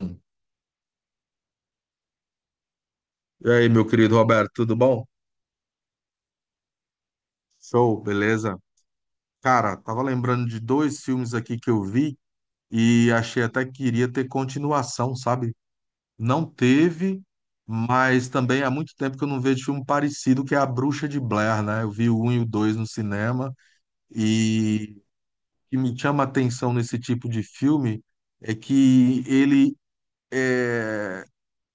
E aí, meu querido Roberto, tudo bom? Show, beleza? Cara, tava lembrando de dois filmes aqui que eu vi e achei até que iria ter continuação, sabe? Não teve, mas também há muito tempo que eu não vejo filme parecido, que é A Bruxa de Blair, né? Eu vi o um e o dois no cinema e o que me chama a atenção nesse tipo de filme é que é,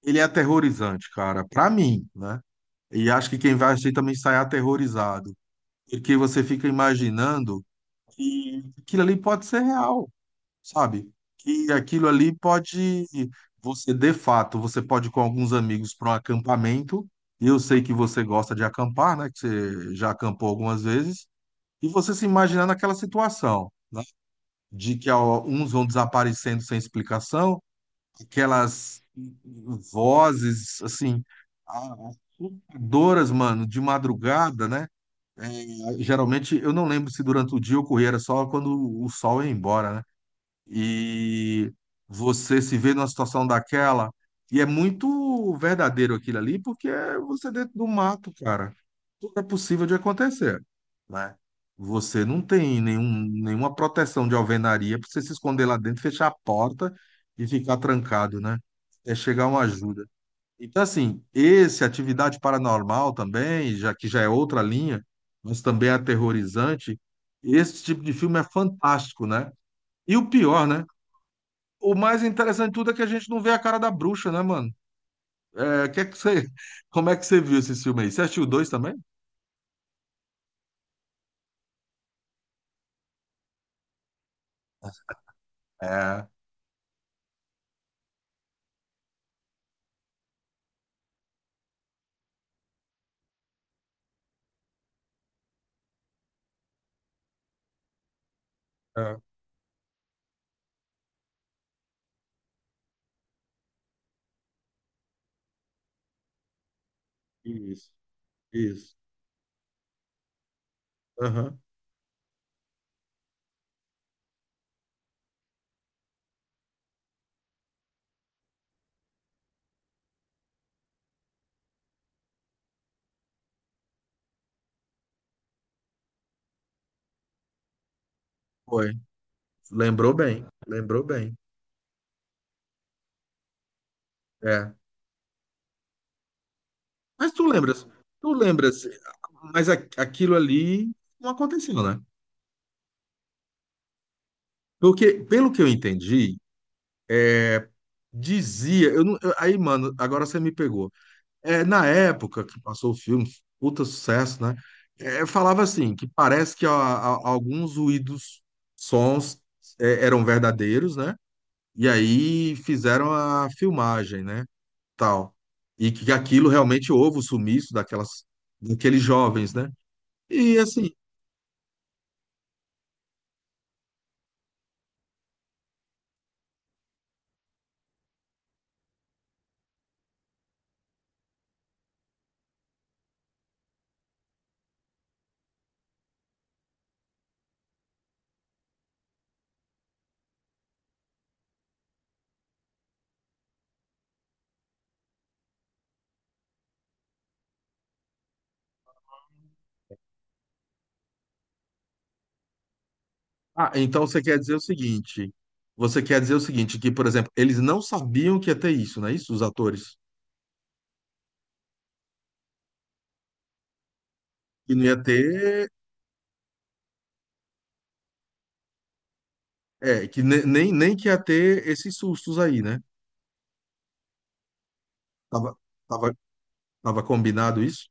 ele é aterrorizante, cara, pra mim, né? E acho que quem vai assistir também sai aterrorizado. Porque você fica imaginando que aquilo ali pode ser real, sabe? Que aquilo ali pode, você de fato, você pode ir com alguns amigos para um acampamento, e eu sei que você gosta de acampar, né? Que você já acampou algumas vezes, e você se imaginar naquela situação, né? De que ó, uns vão desaparecendo sem explicação, aquelas vozes, assim, assustadoras, mano, de madrugada, né? É, geralmente, eu não lembro se durante o dia ocorria, era só quando o sol ia embora, né? E você se vê numa situação daquela, e é muito verdadeiro aquilo ali, porque você é dentro do mato, cara. Tudo é possível de acontecer, né? Você não tem nenhuma proteção de alvenaria para você se esconder lá dentro, fechar a porta e ficar trancado, né? É chegar uma ajuda. Então, assim, esse Atividade Paranormal também, já que já é outra linha, mas também é aterrorizante, esse tipo de filme é fantástico, né? E o pior, né? O mais interessante de tudo é que a gente não vê a cara da bruxa, né, mano? É que você, como é que você viu esse filme aí? Você assistiu o dois também? É, é, isso, isso. Aham. Foi. Lembrou bem, lembrou bem. É. Mas tu lembras, mas aquilo ali não aconteceu, né? Porque, pelo que eu entendi, dizia, eu não, aí, mano, agora você me pegou. É, na época que passou o filme, puta sucesso, né? É, eu falava assim, que parece que alguns ruídos, sons, eram verdadeiros, né? E aí fizeram a filmagem, né? Tal. E que aquilo realmente houve o sumiço daqueles jovens, né? E assim, ah, então você quer dizer o seguinte, que, por exemplo, eles não sabiam que ia ter isso, não é isso? Os atores. Que não ia ter. Que nem que ia ter esses sustos aí, né? Tava, tava, tava combinado isso?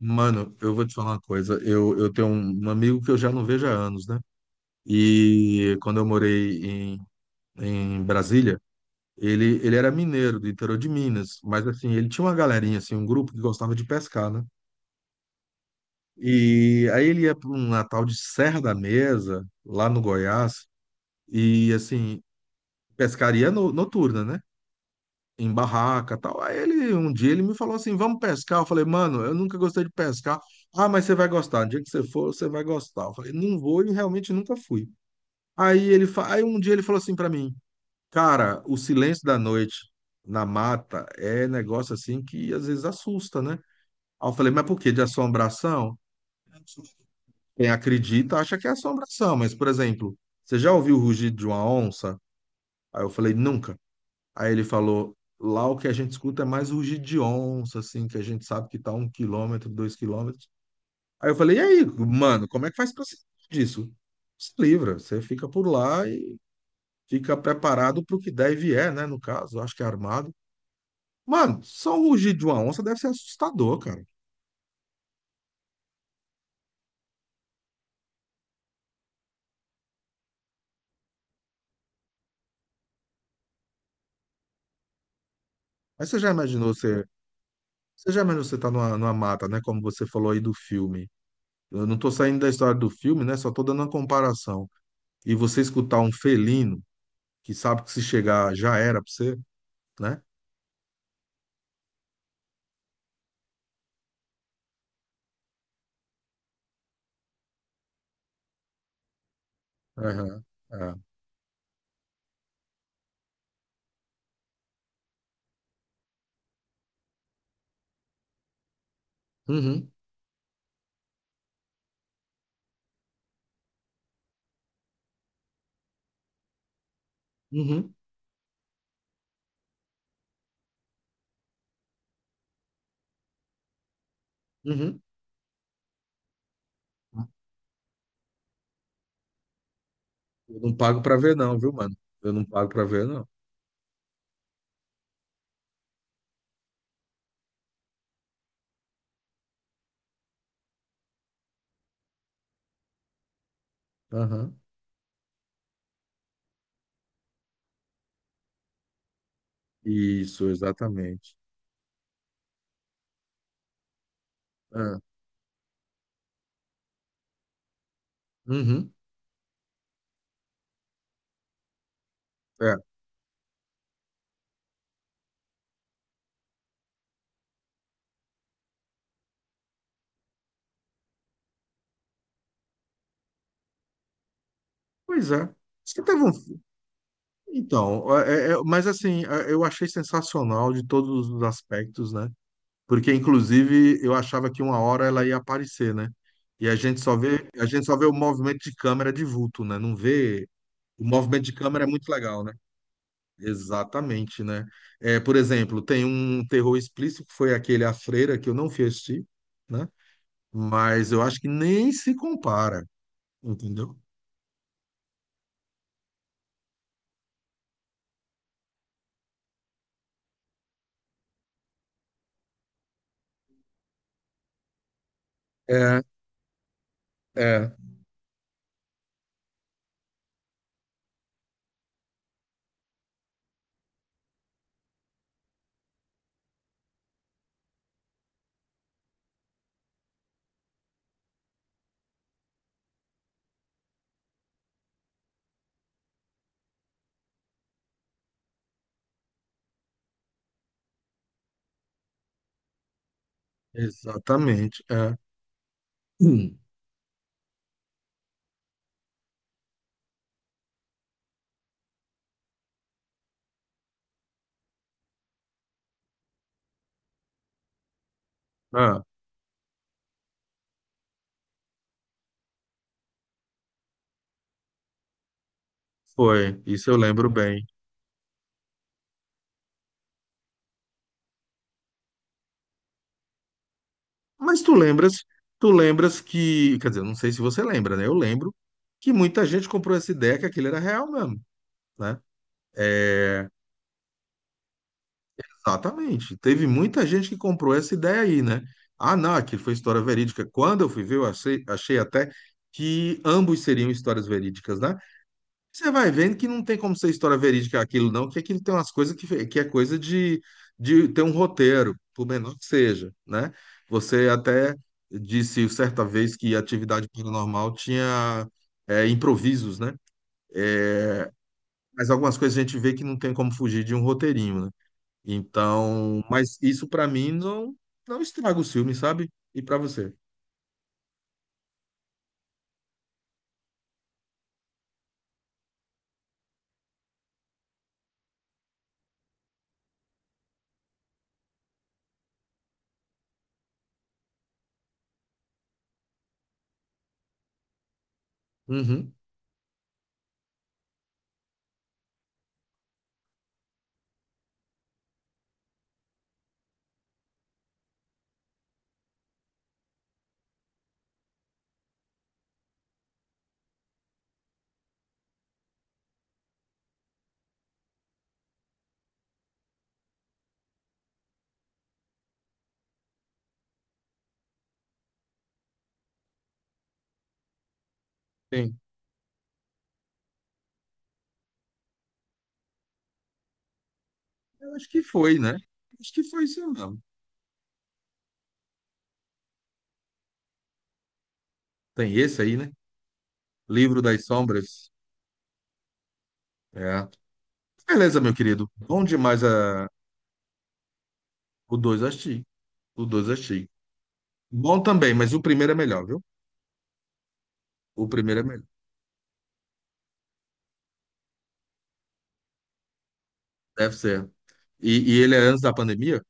Mano, eu vou te falar uma coisa. Eu tenho um amigo que eu já não vejo há anos, né? E quando eu morei em Brasília, ele era mineiro do interior de Minas, mas assim, ele tinha uma galerinha, assim, um grupo que gostava de pescar, né? E aí ele ia para um Natal de Serra da Mesa, lá no Goiás, e assim, pescaria noturna, né? Em barraca, tal. Aí ele, um dia ele me falou assim: "Vamos pescar". Eu falei: "Mano, eu nunca gostei de pescar". "Ah, mas você vai gostar. No dia que você for, você vai gostar". Eu falei: "Não vou" e realmente nunca fui. Aí ele, aí um dia ele falou assim pra mim: "Cara, o silêncio da noite na mata é negócio assim que às vezes assusta, né?". Aí eu falei: "Mas por quê? De assombração?". Quem acredita acha que é assombração, mas por exemplo, você já ouviu o rugido de uma onça? Aí eu falei: "Nunca". Aí ele falou: lá o que a gente escuta é mais rugido de onça, assim, que a gente sabe que tá um quilômetro, dois quilômetros. Aí eu falei: e aí, mano, como é que faz pra se livrar disso? Se livra, você fica por lá e fica preparado pro que der e vier, né? No caso, eu acho que é armado. Mano, só o rugido de uma onça deve ser assustador, cara. Aí você já imaginou você. Você já imaginou você tá numa, mata, né? Como você falou aí do filme. Eu não tô saindo da história do filme, né? Só tô dando uma comparação. E você escutar um felino que sabe que se chegar já era pra você. Né? Aham, é. Uhum, uhum, uhum. Eu não pago pra ver, não, viu, mano? Eu não pago pra ver, não. Aham. Isso, exatamente. É. Uhum. É. Pois é. Acho que tava. Então, mas assim, eu achei sensacional de todos os aspectos, né? Porque, inclusive, eu achava que uma hora ela ia aparecer, né? E a gente só vê o movimento de câmera de vulto, né? Não vê. O movimento de câmera é muito legal, né? Exatamente, né? É, por exemplo, tem um terror explícito que foi aquele A Freira, que eu não fui assistir, né? Mas eu acho que nem se compara, entendeu? É, é, exatamente, é. Hum. Ah, foi, isso eu lembro bem. Mas tu lembras que, quer dizer, eu não sei se você lembra, né? Eu lembro que muita gente comprou essa ideia que aquilo era real mesmo, né? É, exatamente. Teve muita gente que comprou essa ideia aí, né? Ah, não, aquilo foi história verídica. Quando eu fui ver, achei até que ambos seriam histórias verídicas, né? Você vai vendo que não tem como ser história verídica aquilo, não, que aquilo tem umas coisas que é coisa de ter um roteiro, por menor que seja, né? Você até disse certa vez que atividade paranormal tinha improvisos, né? É, mas algumas coisas a gente vê que não tem como fugir de um roteirinho, né? Então, mas isso pra mim não estraga o filme, sabe? E pra você? Uhum, tem. Eu acho que foi, né? Acho que foi isso mesmo. Tem esse aí, né? Livro das Sombras. É. Beleza, meu querido. Bom demais. O 2 assisti. O 2 assisti. Bom também, mas o primeiro é melhor, viu? O primeiro é melhor. Deve ser. E, e ele é antes da pandemia?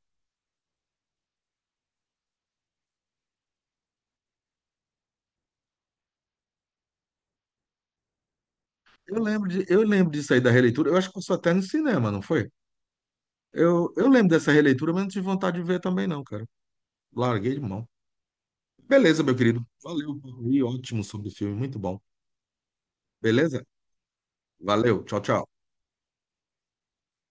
Eu lembro disso aí da releitura. Eu acho que passou até no cinema, não foi? Eu lembro dessa releitura, mas não tive vontade de ver também, não, cara. Larguei de mão. Beleza, meu querido. Valeu, papo aí, ótimo sobre o filme, muito bom. Beleza? Valeu, tchau, tchau.